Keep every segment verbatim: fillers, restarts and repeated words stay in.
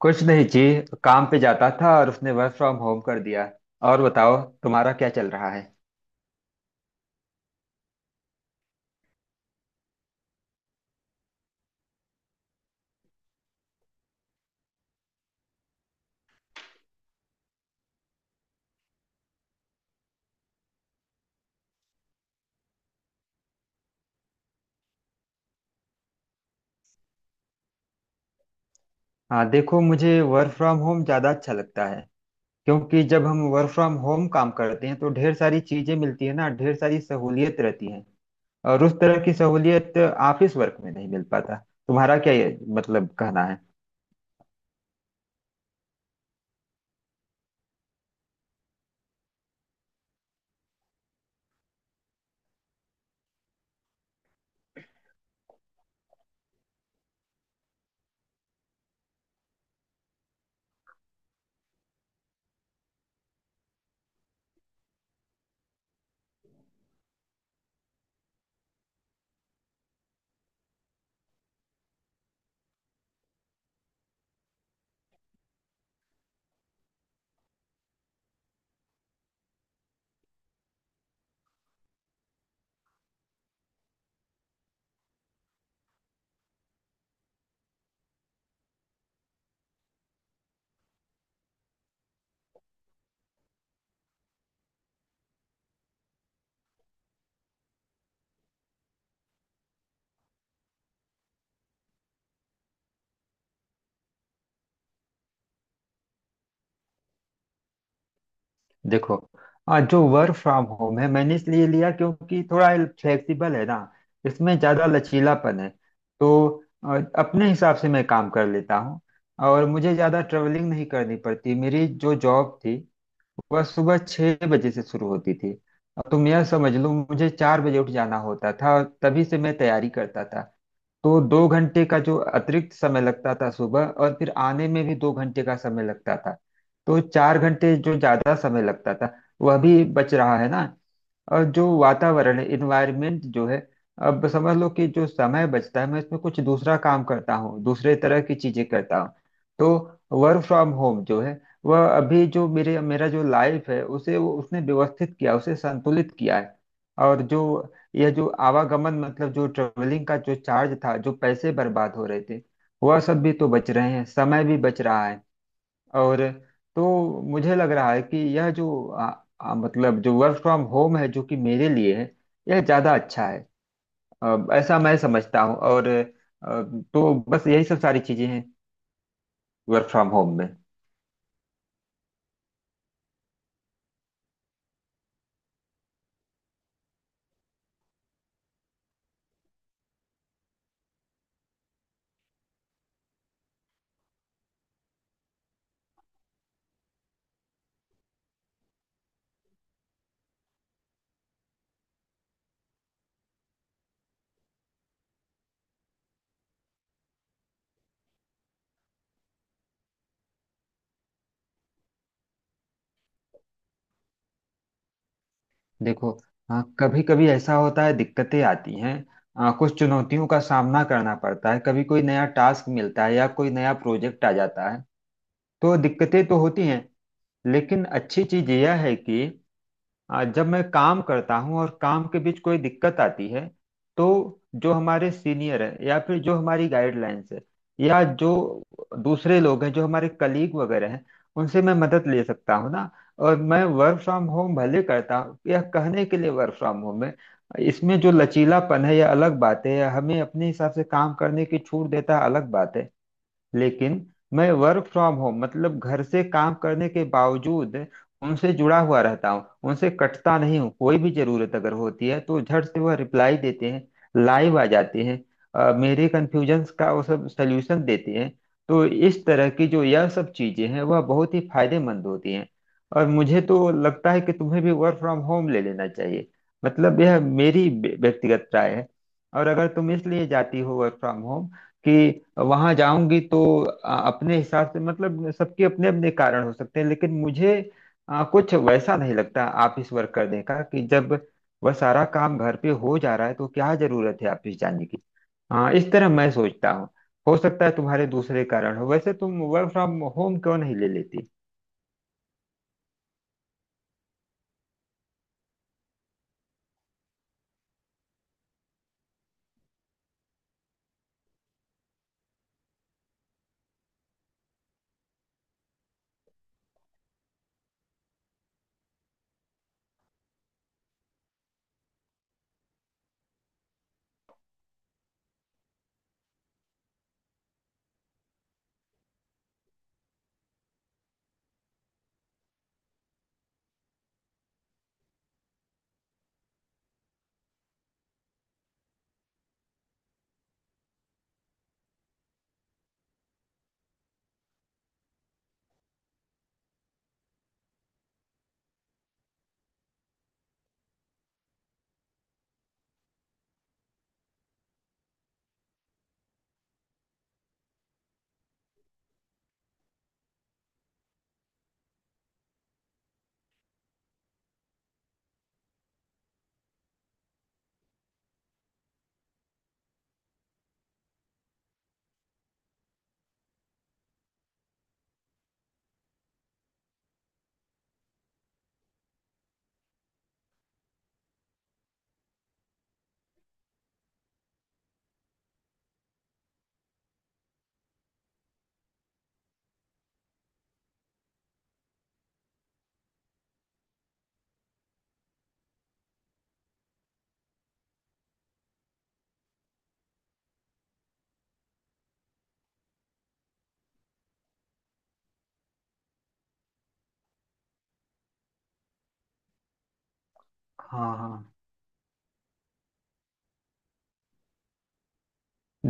कुछ नहीं जी। काम पे जाता था और उसने वर्क फ्रॉम होम कर दिया। और बताओ, तुम्हारा क्या चल रहा है? हाँ देखो, मुझे वर्क फ्रॉम होम ज़्यादा अच्छा लगता है, क्योंकि जब हम वर्क फ्रॉम होम काम करते हैं तो ढेर सारी चीज़ें मिलती है ना, ढेर सारी सहूलियत रहती है। और उस तरह की सहूलियत ऑफिस वर्क में नहीं मिल पाता। तुम्हारा क्या ये मतलब कहना है? देखो, आ, जो वर्क फ्रॉम होम है मैंने इसलिए लिया क्योंकि थोड़ा फ्लेक्सिबल है ना, इसमें ज़्यादा लचीलापन है। तो आ, अपने हिसाब से मैं काम कर लेता हूँ। और मुझे ज़्यादा ट्रेवलिंग नहीं करनी पड़ती। मेरी जो जॉब थी वह सुबह छः बजे से शुरू होती थी। अब तुम यह समझ लो, मुझे चार बजे उठ जाना होता था और तभी से मैं तैयारी करता था। तो दो घंटे का जो अतिरिक्त समय लगता था सुबह, और फिर आने में भी दो घंटे का समय लगता था। तो चार घंटे जो ज्यादा समय लगता था वह भी बच रहा है ना। और जो वातावरण है, इन्वायरमेंट जो है, अब समझ लो कि जो समय बचता है मैं इसमें कुछ दूसरा काम करता हूँ, दूसरे तरह की चीजें करता हूँ। तो वर्क फ्रॉम होम जो है वह अभी जो मेरे मेरा जो लाइफ है उसे वो उसने व्यवस्थित किया, उसे संतुलित किया है। और जो यह जो आवागमन मतलब जो ट्रेवलिंग का जो चार्ज था, जो पैसे बर्बाद हो रहे थे वह सब भी तो बच रहे हैं, समय भी बच रहा है। और तो मुझे लग रहा है कि यह जो आ, आ, मतलब जो वर्क फ्रॉम होम है जो कि मेरे लिए है, यह ज़्यादा अच्छा है। अ, ऐसा मैं समझता हूँ, और अ, तो बस यही सब सारी चीज़ें हैं वर्क फ्रॉम होम में। देखो, हाँ कभी कभी ऐसा होता है, दिक्कतें आती हैं। अ, कुछ चुनौतियों का सामना करना पड़ता है, कभी कोई नया टास्क मिलता है या कोई नया प्रोजेक्ट आ जाता है तो दिक्कतें तो होती हैं। लेकिन अच्छी चीज़ यह है कि आ, जब मैं काम करता हूँ और काम के बीच कोई दिक्कत आती है, तो जो हमारे सीनियर है या फिर जो हमारी गाइडलाइंस है, या जो दूसरे लोग हैं जो हमारे कलीग वगैरह हैं, उनसे मैं मदद ले सकता हूँ ना। और मैं वर्क फ्रॉम होम भले करता हूँ, या कहने के लिए वर्क फ्रॉम होम है, इसमें जो लचीलापन है यह अलग बात है, या हमें अपने हिसाब से काम करने की छूट देता है अलग बात है। लेकिन मैं वर्क फ्रॉम होम मतलब घर से काम करने के बावजूद उनसे जुड़ा हुआ रहता हूँ, उनसे कटता नहीं हूँ। कोई भी जरूरत अगर होती है तो झट से वह रिप्लाई देते हैं, लाइव आ जाते हैं। अ, मेरे कन्फ्यूजन्स का वो सब सल्यूशन देते हैं। तो इस तरह की जो यह सब चीजें हैं वह बहुत ही फायदेमंद होती हैं। और मुझे तो लगता है कि तुम्हें भी वर्क फ्रॉम होम ले लेना चाहिए। मतलब यह मेरी व्य- व्यक्तिगत राय है। और अगर तुम इसलिए जाती हो वर्क फ्रॉम होम कि वहां जाऊंगी तो अ, अपने हिसाब से मतलब सबके अपने अपने कारण हो सकते हैं। लेकिन मुझे अ, कुछ वैसा नहीं लगता ऑफिस वर्क करने का, कि जब वह सारा काम घर पे हो जा रहा है तो क्या जरूरत है ऑफिस जाने की। हाँ इस तरह मैं सोचता हूँ। हो सकता है तुम्हारे दूसरे कारण हो, वैसे तुम वर्क फ्रॉम होम क्यों नहीं ले लेती? हाँ हाँ,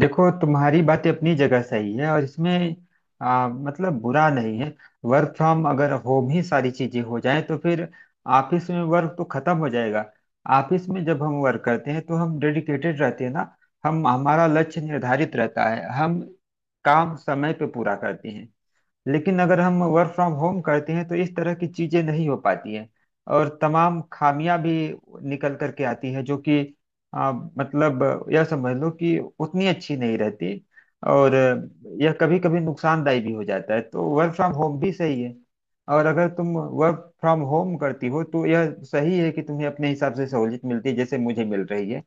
देखो तुम्हारी बातें अपनी जगह सही है और इसमें आ, मतलब बुरा नहीं है। वर्क फ्रॉम अगर होम ही सारी चीजें हो जाएं तो फिर ऑफिस में वर्क तो खत्म हो जाएगा। ऑफिस में जब हम वर्क करते हैं तो हम डेडिकेटेड रहते हैं ना, हम हमारा लक्ष्य निर्धारित रहता है, हम काम समय पे पूरा करते हैं। लेकिन अगर हम वर्क फ्रॉम होम करते हैं तो इस तरह की चीजें नहीं हो पाती हैं, और तमाम खामियां भी निकल करके आती हैं, जो कि आ, मतलब यह समझ लो कि उतनी अच्छी नहीं रहती। और यह कभी कभी नुकसानदायी भी हो जाता है। तो वर्क फ्रॉम होम भी सही है। और अगर तुम वर्क फ्रॉम होम करती हो तो यह सही है कि तुम्हें अपने हिसाब से सहूलियत मिलती है, जैसे मुझे मिल रही है।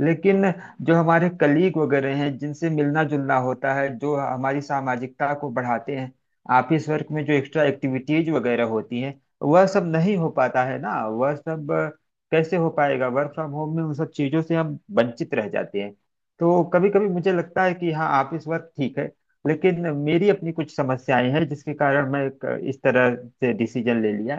लेकिन जो हमारे कलीग वगैरह हैं जिनसे मिलना जुलना होता है, जो हमारी सामाजिकता को बढ़ाते हैं, ऑफिस वर्क में जो एक्स्ट्रा एक्टिविटीज वगैरह होती है, वह सब नहीं हो पाता है ना। वह सब अ, कैसे हो पाएगा वर्क फ्रॉम होम में? उन सब चीजों से हम वंचित रह जाते हैं। तो कभी कभी मुझे लगता है कि हाँ ऑफिस वर्क ठीक है। लेकिन मेरी अपनी कुछ समस्याएं हैं, जिसके कारण मैं एक इस तरह से डिसीजन ले लिया।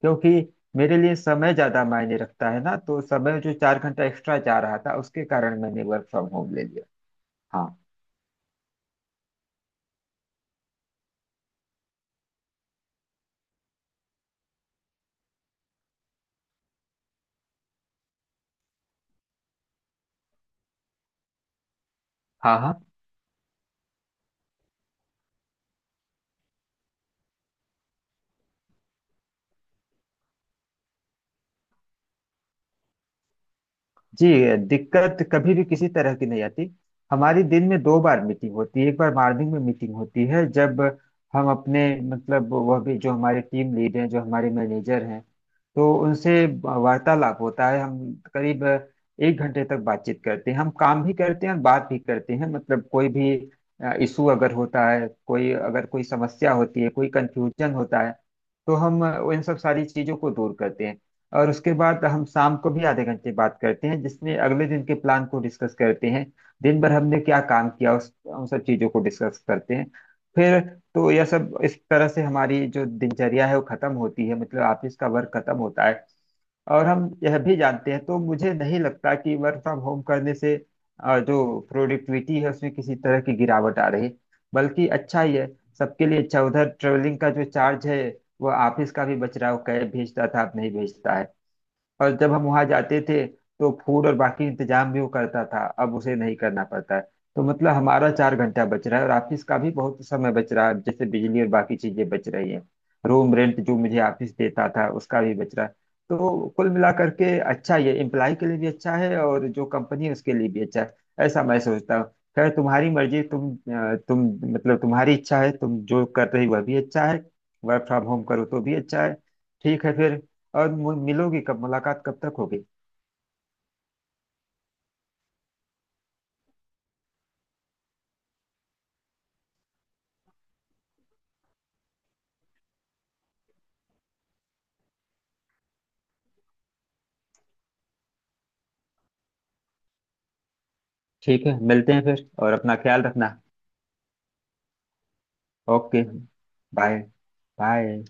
क्योंकि मेरे लिए समय ज्यादा मायने रखता है ना। तो समय जो चार घंटा एक्स्ट्रा जा रहा था उसके कारण मैंने वर्क फ्रॉम होम ले लिया। हाँ हाँ। हाँ जी, दिक्कत कभी भी किसी तरह की नहीं आती। हमारी दिन में दो बार मीटिंग होती है। एक बार मॉर्निंग में मीटिंग होती है जब हम अपने मतलब वह भी जो हमारे टीम लीड हैं, जो हमारे मैनेजर हैं, तो उनसे वार्तालाप होता है। हम करीब एक घंटे तक बातचीत करते हैं, हम काम भी करते हैं और बात भी करते हैं। मतलब कोई भी इशू अगर होता है, कोई अगर कोई समस्या होती है, कोई कंफ्यूजन होता है, तो हम इन सब सारी चीजों को दूर करते हैं। और उसके बाद हम शाम को भी आधे घंटे बात करते हैं, जिसमें अगले दिन के प्लान को डिस्कस करते हैं, दिन भर हमने क्या काम किया उस उन सब चीज़ों को डिस्कस करते हैं फिर। तो यह सब इस तरह से हमारी जो दिनचर्या है वो खत्म होती है, मतलब ऑफिस का वर्क खत्म होता है। और हम यह भी जानते हैं, तो मुझे नहीं लगता कि वर्क फ्रॉम होम करने से अ, जो प्रोडक्टिविटी है उसमें किसी तरह की गिरावट आ रही। बल्कि अच्छा ही है, सबके लिए अच्छा। उधर ट्रेवलिंग का जो चार्ज है वो ऑफिस का भी बच रहा है। वो कैब भेजता था, अब नहीं भेजता है। और जब हम वहां जाते थे तो फूड और बाकी इंतजाम भी वो करता था, अब उसे नहीं करना पड़ता है। तो मतलब हमारा चार घंटा बच रहा है, और ऑफिस का भी बहुत समय बच रहा है, जैसे बिजली और बाकी चीजें बच रही है। रूम रेंट जो मुझे ऑफिस देता था उसका भी बच रहा है। तो कुल मिला करके अच्छा ही है, एम्प्लॉय के लिए भी अच्छा है और जो कंपनी है उसके लिए भी अच्छा है। ऐसा मैं सोचता हूँ। खैर, तुम्हारी मर्जी। तुम अ, तुम मतलब तुम्हारी इच्छा है, तुम जो कर रही वह भी अच्छा है। वर्क फ्रॉम होम करो तो भी अच्छा है। ठीक है फिर। और मु- मिलोगी कब? मुलाकात कब तक होगी? ठीक है मिलते हैं फिर। और अपना ख्याल रखना। Okay, bye. बाय।